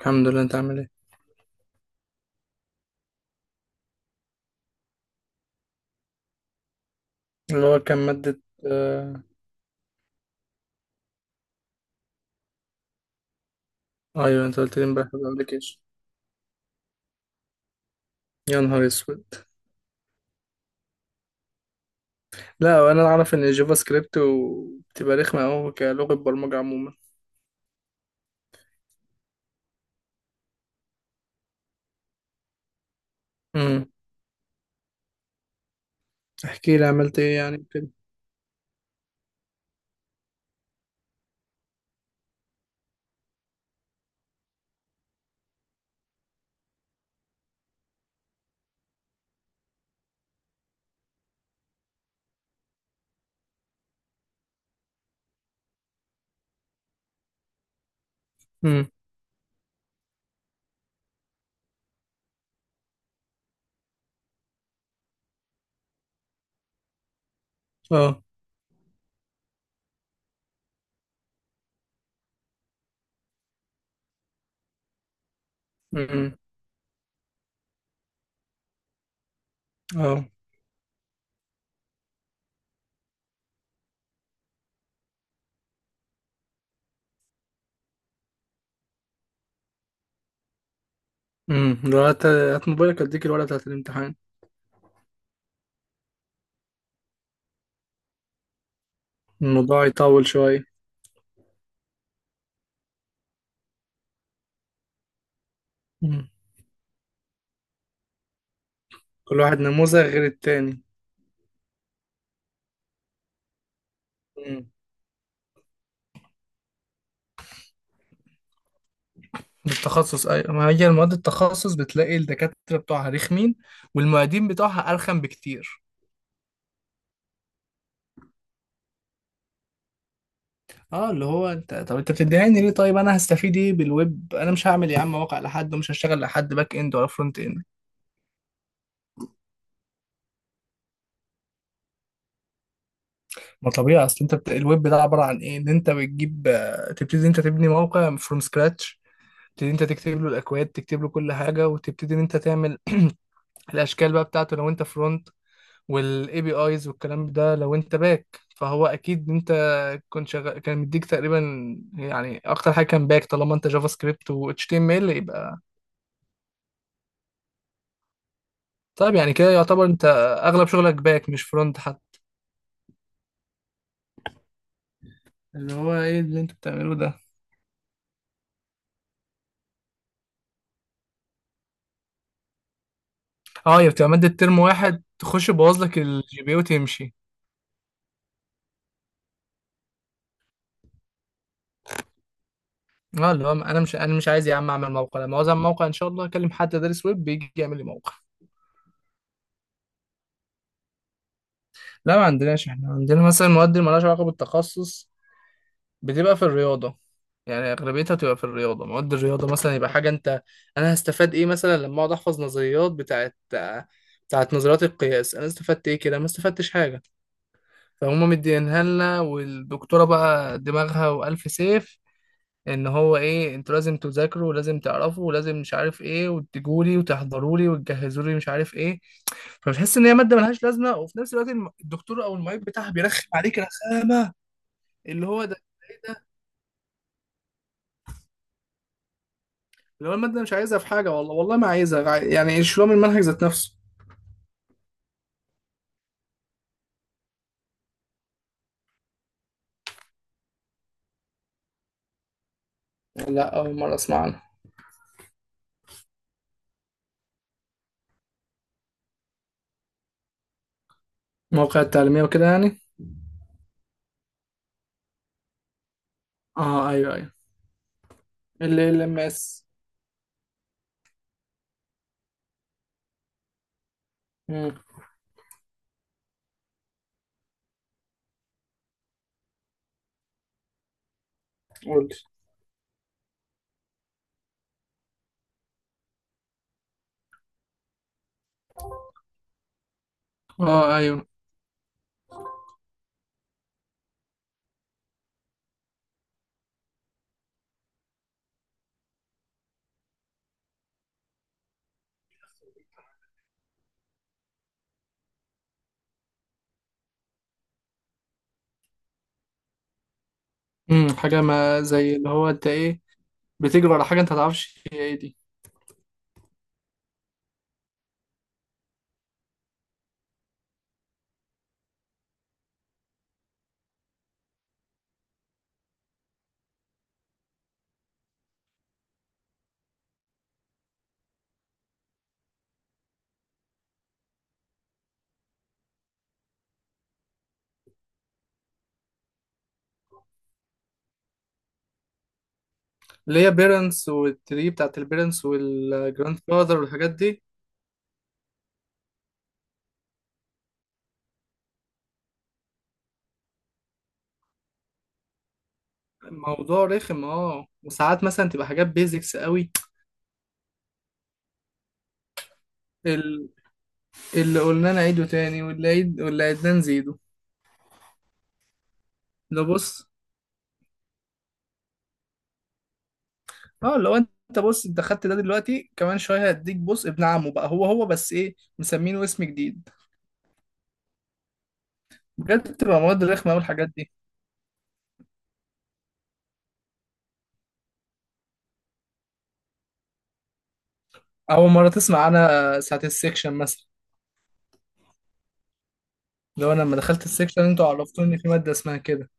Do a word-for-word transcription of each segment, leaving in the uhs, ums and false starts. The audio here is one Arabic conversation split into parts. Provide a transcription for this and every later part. الحمد لله، انت عامل ايه؟ اللي هو كان مادة. آه. ايوه انت قلت لي امبارح في الابلكيشن. يا نهار اسود. لا، وانا اعرف ان الجافا سكريبت و- بتبقى رخمة اوي كلغة برمجة عموما. امم. احكي لي عملت ايه يعني كده. امم. اه. امم. اه. امم. لو هات هات موبايلك اديك الورقة بتاعت الامتحان. الموضوع يطول شوية. امم. كل واحد نموذج غير التاني. امم. التخصص، ايوه، ما هي المواد التخصص بتلاقي الدكاترة بتوعها رخمين والمعيدين بتوعها ارخم بكتير. اه اللي هو انت، طب انت بتديهاني ليه؟ طيب انا هستفيد ايه بالويب؟ انا مش هعمل يا عم موقع لحد ومش هشتغل لحد باك اند ولا فرونت اند. ما طبيعي، اصل انت بت... الويب ده عباره عن ايه؟ ان انت بتجيب آه، تبتدي انت تبني موقع فروم سكراتش، تبتدي انت تكتب له الاكواد تكتب له كل حاجه وتبتدي ان انت تعمل الاشكال بقى بتاعته لو انت فرونت، والاي بي ايز والكلام ده لو انت باك، فهو اكيد انت كنت شغال. كان مديك تقريبا يعني اكتر حاجه كان باك طالما انت جافا سكريبت و اتش تي ام ال. طيب يعني كده يعتبر انت اغلب شغلك باك مش فرونت حتى. اللي هو ايه اللي انتوا بتعملوه ده؟ اه هي بتبقى مادة ترم واحد تخش يبوظ لك الجي بي وتمشي. اه اللي هو انا مش انا مش عايز يا عم اعمل موقع، لما عاوز اعمل موقع ان شاء الله اكلم حد دارس ويب بيجي يعمل لي موقع. لا ما عندناش، احنا عندنا مثلا مواد اللي مالهاش علاقة بالتخصص، بتبقى في الرياضة، يعني اغلبيتها بتبقى في الرياضة. مواد الرياضة مثلا يبقى حاجة انت، انا هستفاد ايه مثلا لما اقعد احفظ نظريات بتاعت بتاعت نظريات القياس؟ انا استفدت ايه كده؟ ما استفدتش حاجة. فهم مدينها لنا والدكتورة بقى دماغها وألف سيف، ان هو ايه انتوا لازم تذاكروا ولازم تعرفوا ولازم مش عارف ايه وتجولي وتحضرولي وتجهزولي مش عارف ايه. فبتحس ان هي مادة ملهاش لازمة وفي نفس الوقت الم- الدكتور او المعيد بتاعها بيرخم عليك رخامة. اللي هو ده، ايه ده؟ اللي هو المادة مش عايزها في حاجة، والله والله ما عايزها عاي- يعني يشيلوها من المنهج ذات نفسه. لا، أول مرة أسمع عنها. مواقع التعليمية وكده يعني. اه ايوه ايوه. إل إل إم إس. قول. اه ايوه. امم. حاجة ما زي اللي هو انت ايه، بتجري ورا حاجة انت متعرفش هي ايه دي. اللي هي بيرنتس والتري بتاعت البيرنتس والجراند فاذر والحاجات دي. الموضوع رخم. اه، وساعات مثلا تبقى حاجات بيزكس قوي. ال- اللي قلنا نعيده تاني واللي عيد واللي عيدناه نزيده. ده بص، اه لو انت بص انت خدت ده دلوقتي كمان شوية هديك بص ابن عمه، بقى هو هو بس ايه مسمينه اسم جديد. بجد بتبقى مواد رخمة قوي الحاجات دي. أول مرة تسمع عنها ساعة السكشن مثلا. لو انا لما دخلت السكشن انتوا عرفتوني ان في ماده اسمها كده.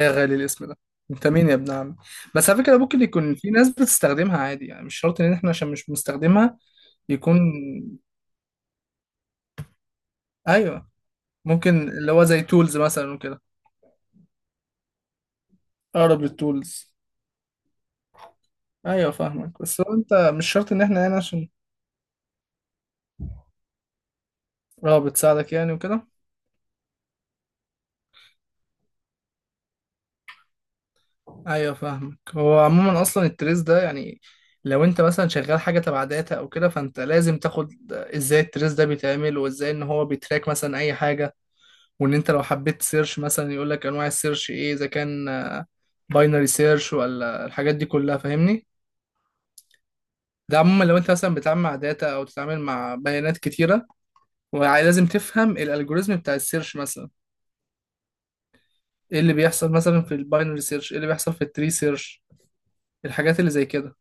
يا غالي الاسم ده، انت مين يا ابن عم؟ بس على فكره ممكن يكون في ناس بتستخدمها عادي، يعني مش شرط ان احنا عشان مش بنستخدمها يكون. ايوه، ممكن اللي هو زي تولز مثلا وكده. اقرب للتولز. ايوه فاهمك، بس هو انت مش شرط ان احنا هنا عشان. اه بتساعدك يعني وكده. ايوه فاهمك، هو عموما اصلا التريس ده يعني لو انت مثلا شغال حاجه تبع داتا او كده فانت لازم تاخد ازاي التريس ده بيتعمل وازاي ان هو بيتراك مثلا اي حاجه. وان انت لو حبيت سيرش مثلا يقول لك انواع السيرش ايه، اذا كان باينري سيرش ولا الحاجات دي كلها فاهمني. ده عموما لو انت مثلا بتتعامل مع داتا او تتعامل مع بيانات كتيره ولازم تفهم الالجوريزم بتاع السيرش مثلا. ايه اللي بيحصل مثلا في الباينري سيرش؟ ايه اللي بيحصل في التري سيرش؟ الحاجات اللي زي كده.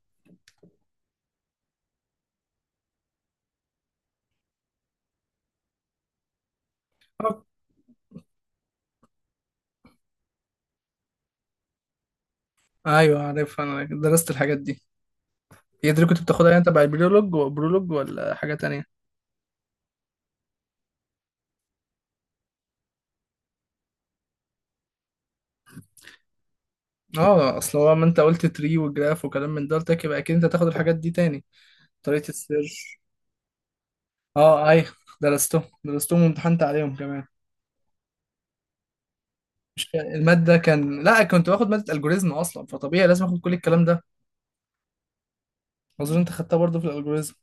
أوك. ايوه عارف، انا درست الحاجات دي. هي دي اللي كنت بتاخدها يعني تبع البرولوج؟ برولوج ولا حاجه تانية؟ اه اصل هو ما انت قلت تري وجراف وكلام من ده، قلت لك يبقى اكيد انت هتاخد الحاجات دي تاني. طريقه السيرش. اه ايوه. درستهم درستهم وامتحنت عليهم كمان. مش كان- المادة كان لا، كنت باخد مادة الجوريزم اصلا فطبيعي لازم اخد كل الكلام ده. اظن انت خدتها برضه في الالجوريزم.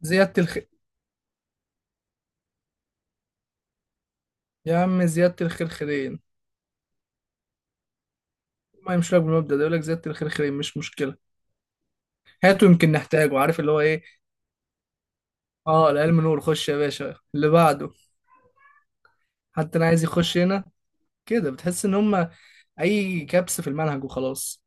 زيادة الخير. يا عم زيادة الخير خيرين، ما يمشي لك بالمبدأ ده، يقول لك زيادة الخير خيرين مش مشكلة، هاته يمكن نحتاجه. عارف اللي هو ايه. اه العلم نور، خش يا باشا اللي بعده. حتى انا عايز يخش هنا. كده بتحس ان هم اي كبس في المنهج وخلاص.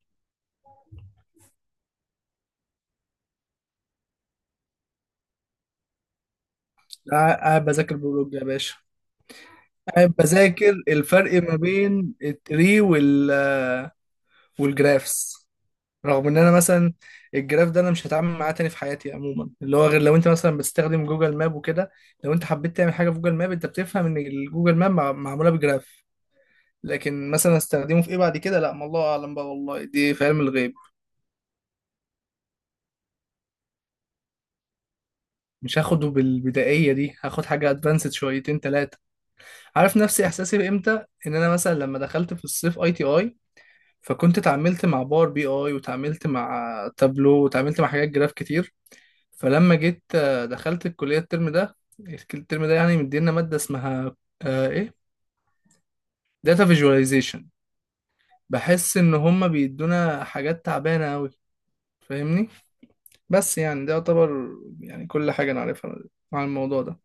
قاعد قاعد بذاكر بيولوجيا يا باشا، قاعد بذاكر الفرق ما بين التري وال والجرافس. رغم ان انا مثلا الجراف ده انا مش هتعامل معاه تاني في حياتي عموما، اللي هو غير لو انت مثلا بتستخدم جوجل ماب وكده. لو انت حبيت تعمل حاجه في جوجل ماب انت بتفهم ان الجوجل ماب مع- معموله بجراف. لكن مثلا استخدمه في ايه بعد كده؟ لا ما الله اعلم بقى، والله دي في علم الغيب. مش هاخده بالبدائيه دي، هاخد حاجه ادفانسد شويتين ثلاثه. عارف نفسي احساسي امتى؟ ان انا مثلا لما دخلت في الصيف آي تي آي، فكنت اتعاملت مع باور بي آي وتعاملت مع تابلو وتعاملت مع حاجات جراف كتير. فلما جيت آه، دخلت الكلية الترم ده. الترم ده يعني مدينا مادة اسمها آه، ايه داتا فيجواليزيشن. بحس ان هما بيدونا حاجات تعبانة قوي، فاهمني. بس يعني ده يعتبر يعني كل حاجة نعرفها عن الموضوع ده.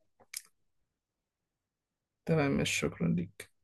تمام، مش شكرا ليك.